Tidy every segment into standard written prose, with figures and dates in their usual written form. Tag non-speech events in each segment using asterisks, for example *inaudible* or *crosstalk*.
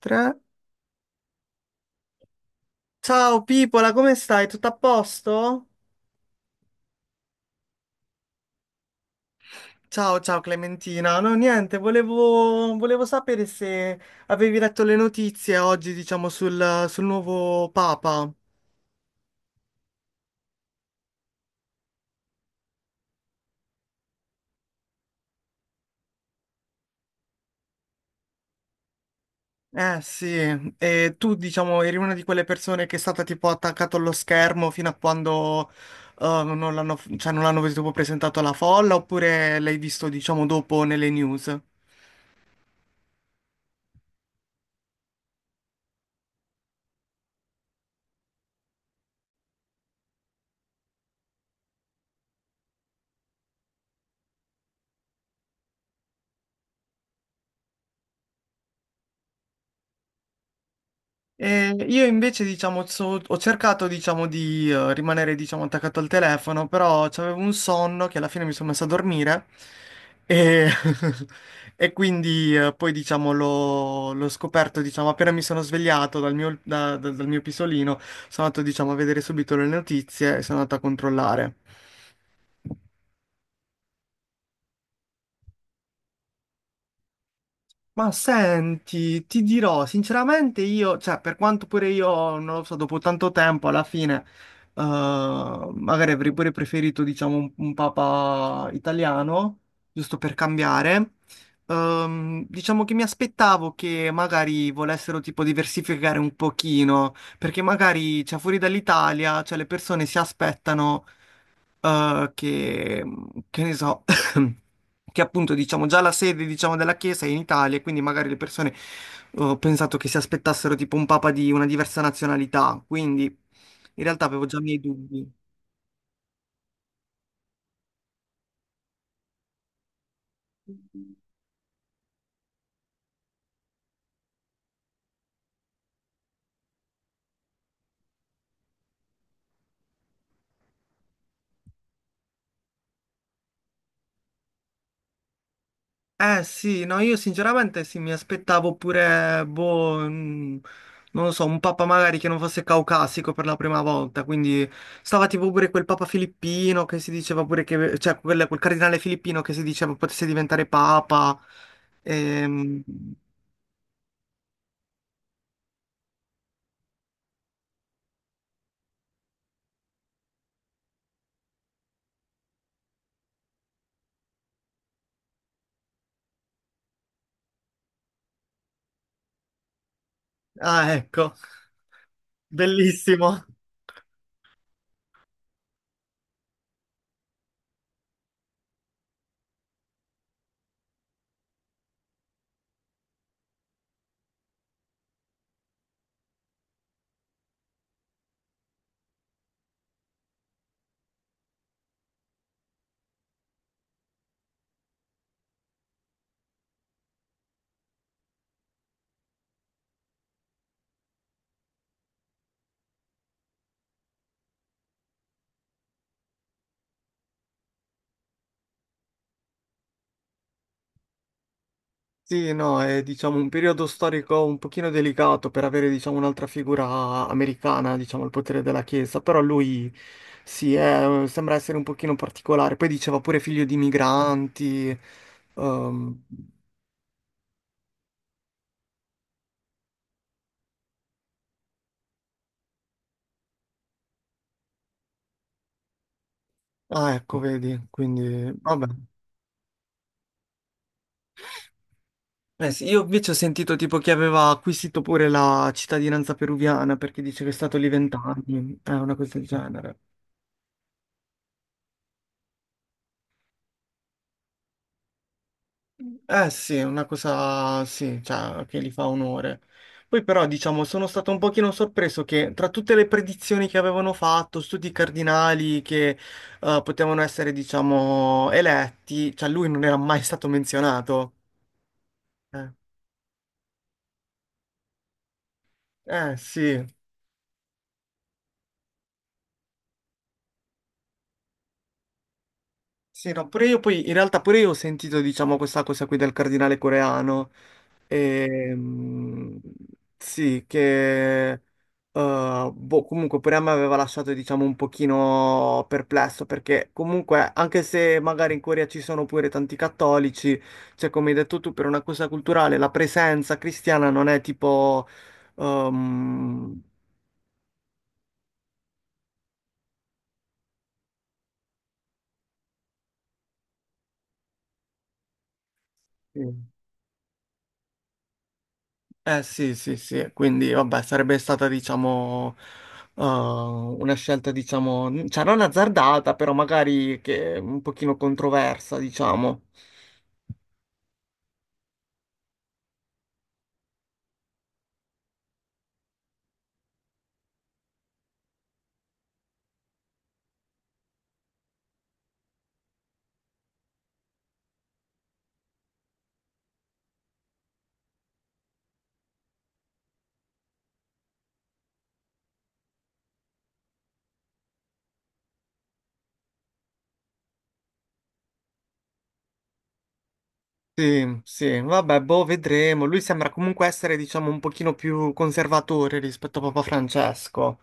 Tre. Ciao Pipola, come stai? Tutto a posto? Ciao, ciao Clementina. No, niente, volevo sapere se avevi letto le notizie oggi, diciamo, sul nuovo Papa. Eh sì, e tu, diciamo, eri una di quelle persone che è stata tipo attaccata allo schermo fino a quando non l'hanno, cioè, non l'hanno tipo presentato alla folla, oppure l'hai visto, diciamo, dopo nelle news? E io invece, diciamo, ho cercato, diciamo, di rimanere, diciamo, attaccato al telefono, però avevo un sonno che alla fine mi sono messo a dormire e, *laughs* e quindi poi, diciamo, l'ho scoperto, diciamo, appena mi sono svegliato dal mio, dal mio pisolino, sono andato, diciamo, a vedere subito le notizie e sono andato a controllare. Ma senti, ti dirò, sinceramente io, cioè, per quanto pure io, non lo so, dopo tanto tempo, alla fine, magari avrei pure preferito, diciamo, un papa italiano, giusto per cambiare. Diciamo che mi aspettavo che magari volessero, tipo, diversificare un pochino, perché magari, cioè, fuori dall'Italia, cioè, le persone si aspettano eh, che, che ne so, *coughs* che appunto diciamo già la sede diciamo, della Chiesa è in Italia, e quindi magari le persone ho pensato che si aspettassero tipo un papa di una diversa nazionalità, quindi in realtà avevo già i miei dubbi. Eh sì, no, io sinceramente sì, mi aspettavo pure, boh, non lo so, un papa magari che non fosse caucasico per la prima volta, quindi stava tipo pure quel papa filippino che si diceva pure che, cioè quel cardinale filippino che si diceva potesse diventare papa. Ehm, ah, ecco, bellissimo. Sì, no, è diciamo un periodo storico un pochino delicato per avere diciamo un'altra figura americana, diciamo il potere della Chiesa, però lui sì, eh sembra essere un pochino particolare. Poi diceva pure figlio di migranti, ehm, ah ecco, vedi, quindi vabbè. Eh sì, io invece ho sentito tipo che aveva acquisito pure la cittadinanza peruviana perché dice che è stato lì vent'anni, è una cosa del genere. Eh sì, è una cosa sì, cioè, che gli fa onore. Poi però, diciamo, sono stato un pochino sorpreso che tra tutte le predizioni che avevano fatto, studi cardinali che potevano essere, diciamo, eletti, cioè lui non era mai stato menzionato. Eh, sì. Sì, no, pure io poi, in realtà pure io ho sentito, diciamo, questa cosa qui del cardinale coreano, Ehm, sì, che boh, comunque pure a me aveva lasciato, diciamo, un pochino perplesso, perché comunque, anche se magari in Corea ci sono pure tanti cattolici, cioè come hai detto tu, per una cosa culturale, la presenza cristiana non è tipo... ehm, sì. Eh sì, sì, sì, quindi vabbè, sarebbe stata diciamo una scelta diciamo, cioè non azzardata, però magari che è un pochino controversa, diciamo. Sì, sì, vabbè, boh, vedremo. Lui sembra comunque essere diciamo un pochino più conservatore rispetto a Papa Francesco.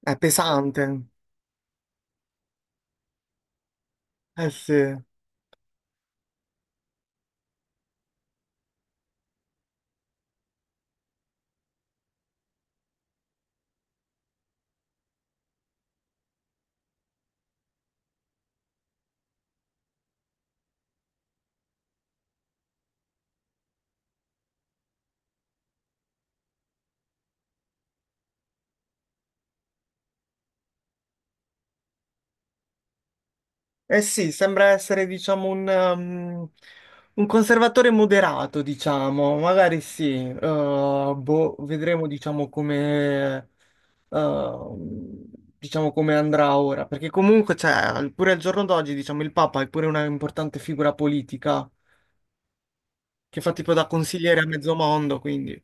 È pesante. Eh sì. Eh sì, sembra essere, diciamo, un, un conservatore moderato, diciamo, magari sì, boh, vedremo, eh, diciamo, come andrà ora, perché comunque, cioè, pure al giorno d'oggi, diciamo, il Papa è pure una importante figura politica che fa tipo da consigliere a mezzo mondo, quindi...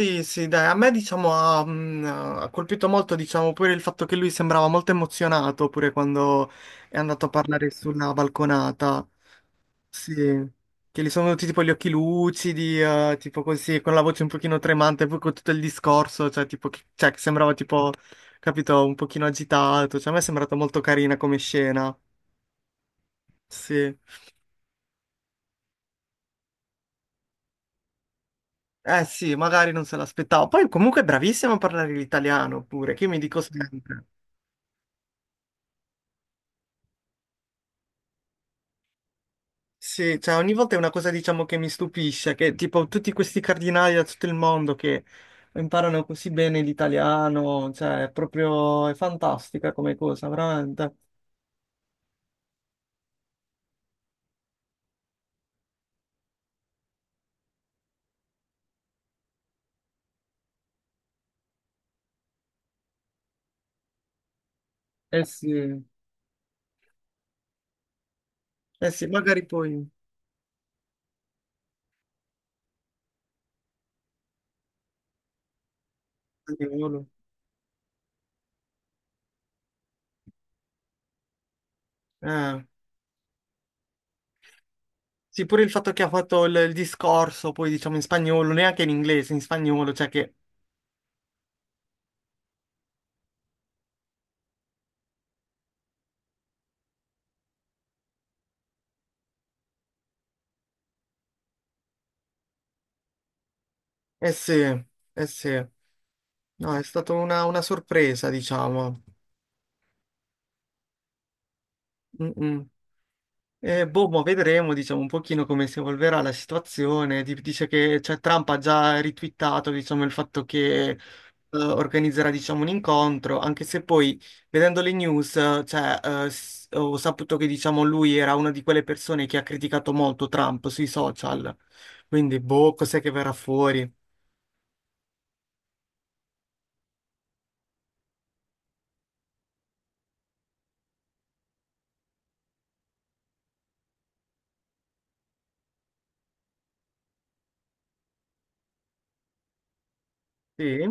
Sì, sì, dai, a me diciamo ha, ha colpito molto, diciamo, pure il fatto che lui sembrava molto emozionato pure quando è andato a parlare sulla balconata. Sì, che gli sono venuti tipo gli occhi lucidi, tipo così, con la voce un pochino tremante, poi con tutto il discorso, cioè tipo, cioè, che sembrava tipo, capito, un pochino agitato, cioè a me è sembrata molto carina come scena, sì. Eh sì, magari non se l'aspettavo, poi comunque è bravissimo a parlare l'italiano pure, che io mi dico sempre. Sì, cioè ogni volta è una cosa diciamo che mi stupisce, che tipo tutti questi cardinali da tutto il mondo che imparano così bene l'italiano, cioè è fantastica come cosa, veramente. Eh sì, eh sì, magari poi spagnolo. Eh. Sì, pure il fatto che ha fatto il discorso, poi diciamo in spagnolo, neanche in inglese, in spagnolo, cioè che... Eh sì, eh sì. No, è stata una sorpresa, diciamo. Mm, mm. Boh, ma vedremo, diciamo, un pochino come si evolverà la situazione. Dice che cioè, Trump ha già ritwittato, diciamo, il fatto che organizzerà, diciamo, un incontro, anche se poi, vedendo le news, ho saputo che, diciamo, lui era una di quelle persone che ha criticato molto Trump sui social. Quindi, boh, cos'è che verrà fuori? Sì.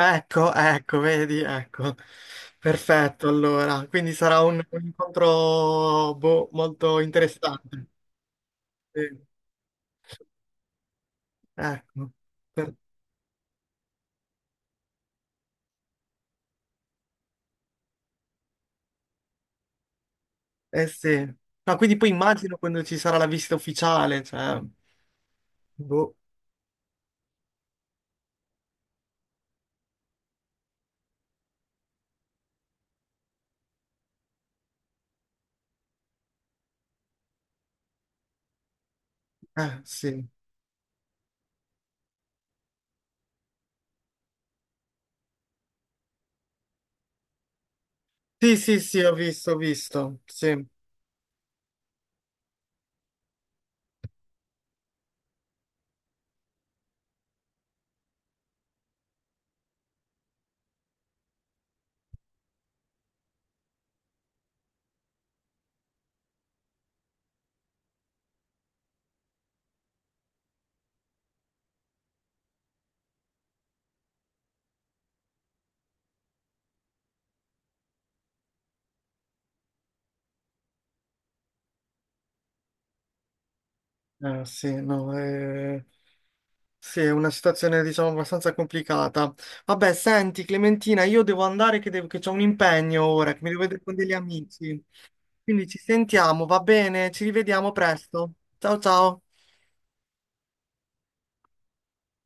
Ecco, ecco, vedi, ecco. Perfetto, allora. Quindi sarà un incontro, boh, molto interessante. Sì. Ecco, per- eh sì. No, quindi poi immagino quando ci sarà la visita ufficiale, cioè, boh, eh sì. Sì, sì, sì, ho visto, sì. Sì, no, sì, è una situazione, diciamo, abbastanza complicata. Vabbè, senti, Clementina, io devo andare che, che c'ho un impegno ora, che mi devo vedere con degli amici, quindi ci sentiamo, va bene? Ci rivediamo presto. Ciao, ciao.